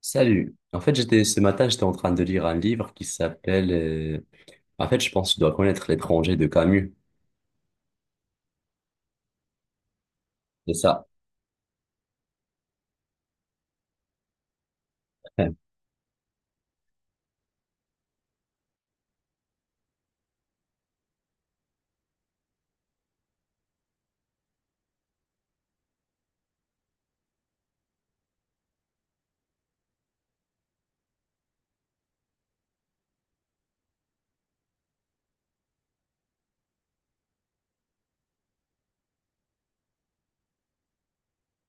Salut. En fait, j'étais ce matin, j'étais en train de lire un livre qui s'appelle. En fait, je pense que tu dois connaître L'étranger de Camus. C'est ça. Ouais.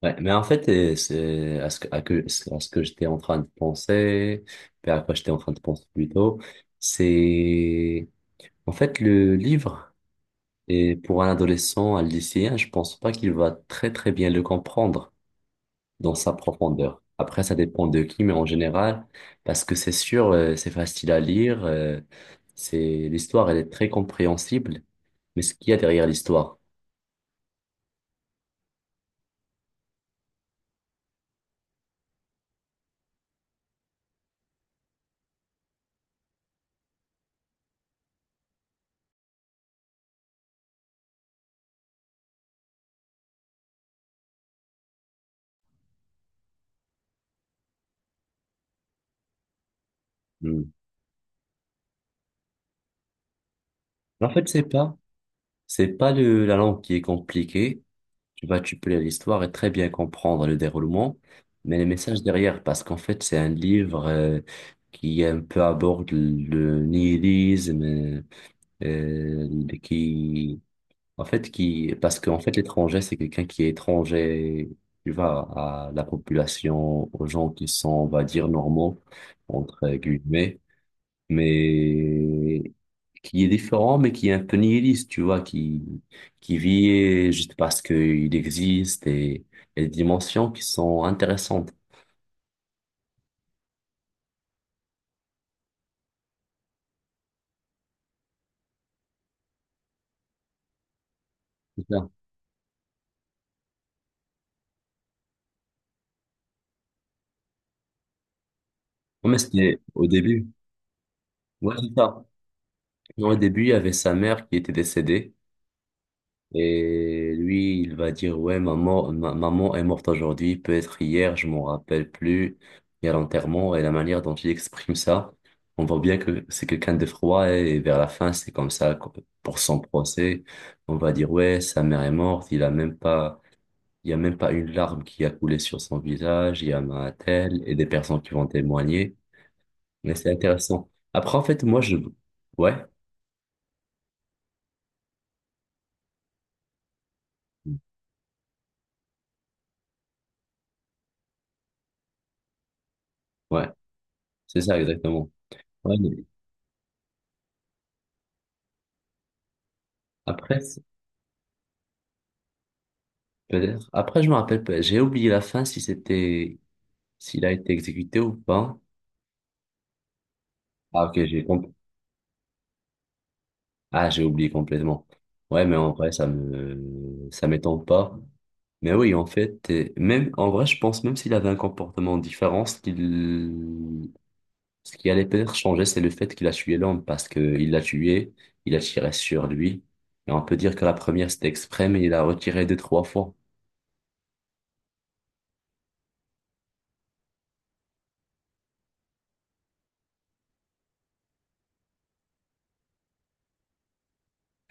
Ouais. Mais en fait, c'est à ce que j'étais en train de penser, puis à quoi j'étais en train de penser plutôt, c'est en fait le livre est pour un adolescent, un lycéen, je pense pas qu'il va très très bien le comprendre dans sa profondeur. Après, ça dépend de qui, mais en général, parce que c'est sûr, c'est facile à lire, c'est l'histoire, elle est très compréhensible, mais ce qu'il y a derrière l'histoire. Hmm. En fait, c'est pas la langue qui est compliquée. Tu peux lire l'histoire et très bien comprendre le déroulement, mais les messages derrière, parce qu'en fait, c'est un livre, qui un peu aborde le nihilisme, qui En fait, qui, parce qu'en fait, l'étranger, c'est quelqu'un qui est étranger, tu vois, à la population, aux gens qui sont, on va dire, normaux, entre guillemets, mais qui est différent, mais qui est un peu nihiliste, tu vois, qui vit juste parce qu'il existe, et des dimensions qui sont intéressantes. C'est ça. Non, mais c'était au début. Ouais, c'est ça. Non, au début, il y avait sa mère qui était décédée. Et lui, il va dire, ouais, maman, maman est morte aujourd'hui, peut-être hier, je m'en rappelle plus. Il y a l'enterrement et la manière dont il exprime ça, on voit bien que c'est quelqu'un de froid, et vers la fin, c'est comme ça pour son procès. On va dire, ouais, sa mère est morte, il y a même pas une larme qui a coulé sur son visage, il y a un tel et des personnes qui vont témoigner. Mais c'est intéressant. Après, en fait, ouais, ouais, c'est ça exactement. Ouais, mais après, peut-être. Après, je me rappelle pas. J'ai oublié la fin, si c'était, s'il a été exécuté ou pas. Ah, ok, j'ai compris. Ah, j'ai oublié complètement. Ouais, mais en vrai, ça m'étonne pas. Mais oui, en fait, même, en vrai, je pense même s'il avait un comportement différent, ce qui allait peut-être changer, c'est le fait qu'il a tué l'homme, parce que il l'a tué, il a tiré sur lui. Et on peut dire que la première, c'était exprès, mais il a retiré deux, trois fois.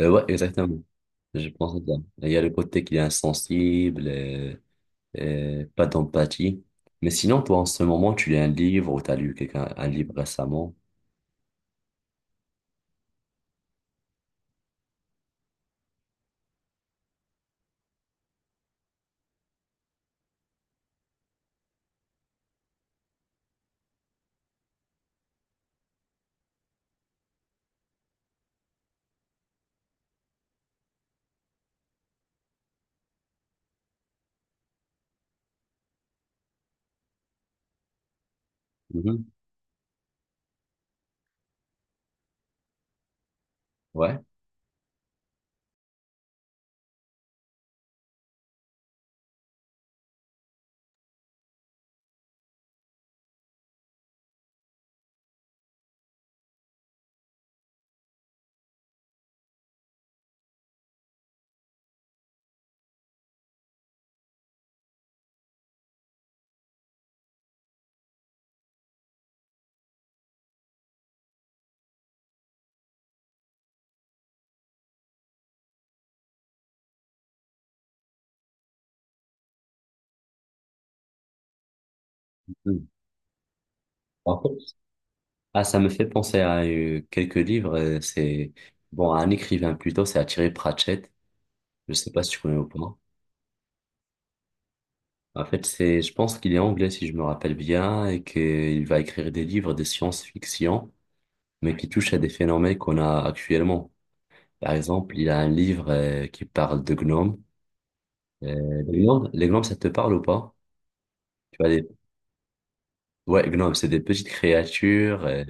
Ouais, exactement. Je pense à ça. Et il y a le côté qu'il est insensible, pas d'empathie. Mais sinon, toi, en ce moment, tu lis un livre ou t'as lu quelqu'un, un livre récemment? Mhm. Ouais. Mhm. En fait, ah, ça me fait penser à quelques livres. C'est bon, à un écrivain plutôt, c'est Thierry Pratchett. Je sais pas si tu connais ou pas. En fait, je pense qu'il est anglais si je me rappelle bien, et qu'il va écrire des livres de science-fiction, mais qui touchent à des phénomènes qu'on a actuellement. Par exemple, il a un livre qui parle de gnomes. Euh, les les gnomes, ça te parle ou pas? Tu vois, les... Ouais, gnome, c'est des petites créatures.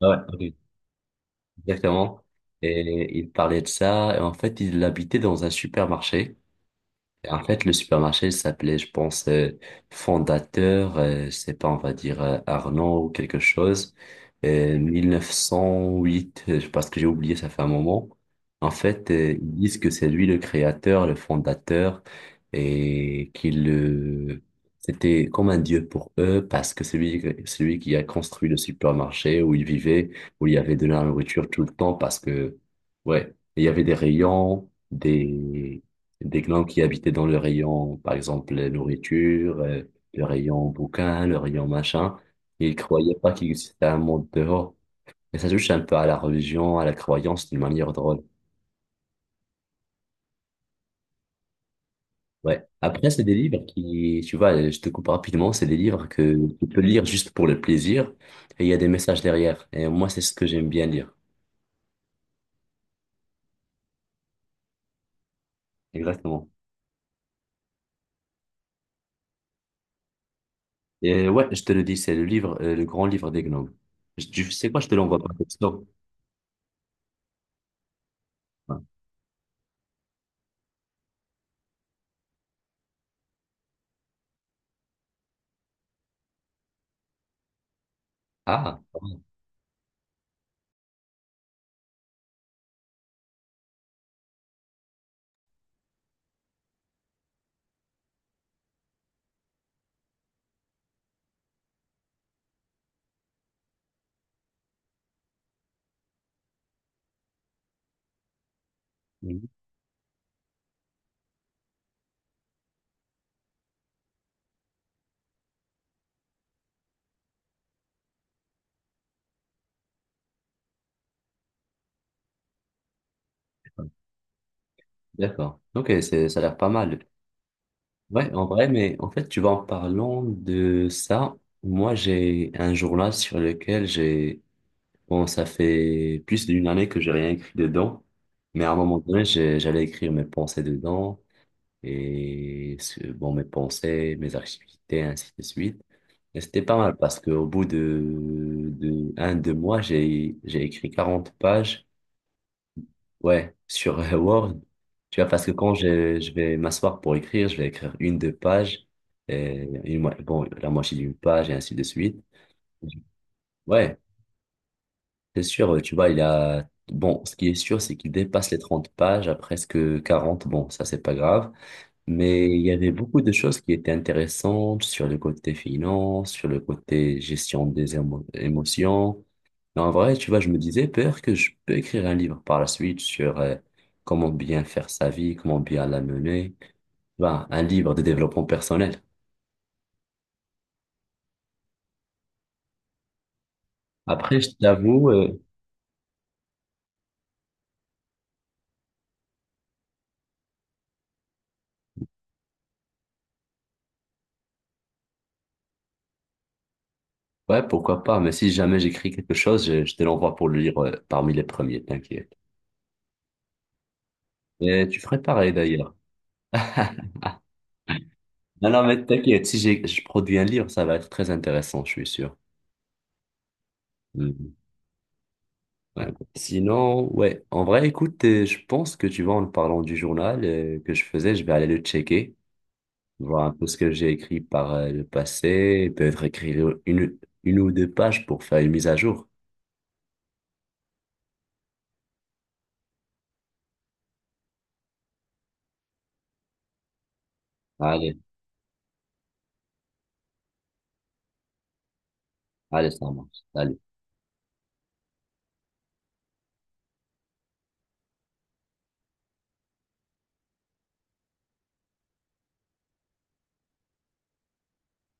Ouais, ok. Exactement. Et il parlait de ça. Et en fait, il habitait dans un supermarché. En fait, le supermarché il s'appelait, je pense, Fondateur, je sais pas, on va dire Arnaud ou quelque chose, 1908, parce que j'ai oublié, ça fait un moment. En fait, ils disent que c'est lui le créateur, le fondateur, et qu'il c'était comme un dieu pour eux, parce que c'est lui qui a construit le supermarché où ils vivaient, où il y avait de la nourriture tout le temps, parce que, ouais, il y avait des des glands qui habitaient dans le rayon, par exemple, les nourritures, le rayon bouquin, le rayon machin. Ils croyaient pas qu'il existait un monde dehors. Et ça touche un peu à la religion, à la croyance d'une manière drôle. Ouais. Après, c'est des livres qui, tu vois, je te coupe rapidement, c'est des livres que tu peux lire juste pour le plaisir, et il y a des messages derrière. Et moi, c'est ce que j'aime bien lire. Exactement. Et ouais, je te le dis, c'est le livre, le grand livre des gnomes. Tu sais quoi, je te l'envoie par texto. Ouais. Ah, ouais. D'accord. Ok, c'est, ça a l'air pas mal. Ouais, en vrai, mais en fait, tu vois, en parlant de ça, moi, j'ai un journal sur lequel j'ai, bon, ça fait plus d'une année que j'ai rien écrit dedans, mais à un moment donné, j'allais écrire mes pensées dedans, bon, mes pensées, mes activités, ainsi de suite. Et c'était pas mal parce qu'au bout de un, deux mois, j'ai écrit 40 pages. Ouais, sur Word. Tu vois, parce que quand je vais m'asseoir pour écrire, je vais écrire une, deux pages, et bon, la moitié d'une page, et ainsi de suite. Ouais, c'est sûr, tu vois, il a... Bon, ce qui est sûr, c'est qu'il dépasse les 30 pages, à presque 40. Bon, ça, c'est pas grave. Mais il y avait beaucoup de choses qui étaient intéressantes sur le côté finance, sur le côté gestion des émotions. Mais en vrai, tu vois, je me disais, peur que je peux écrire un livre par la suite sur comment bien faire sa vie, comment bien la mener. Ben, un livre de développement personnel. Après, je t'avoue, ouais, pourquoi pas, mais si jamais j'écris quelque chose, je te l'envoie pour le lire parmi les premiers, t'inquiète. Et tu ferais pareil d'ailleurs. Non, non, mais t'inquiète, si je produis un livre, ça va être très intéressant, je suis sûr. Mhm. Ouais. Sinon, ouais, en vrai, écoute, je pense que tu vois, en parlant du journal que je faisais, je vais aller le checker, voir un peu ce que j'ai écrit par le passé, et peut-être écrire une ou deux pages pour faire une mise à jour. Allez, allez, ça marche. Allez.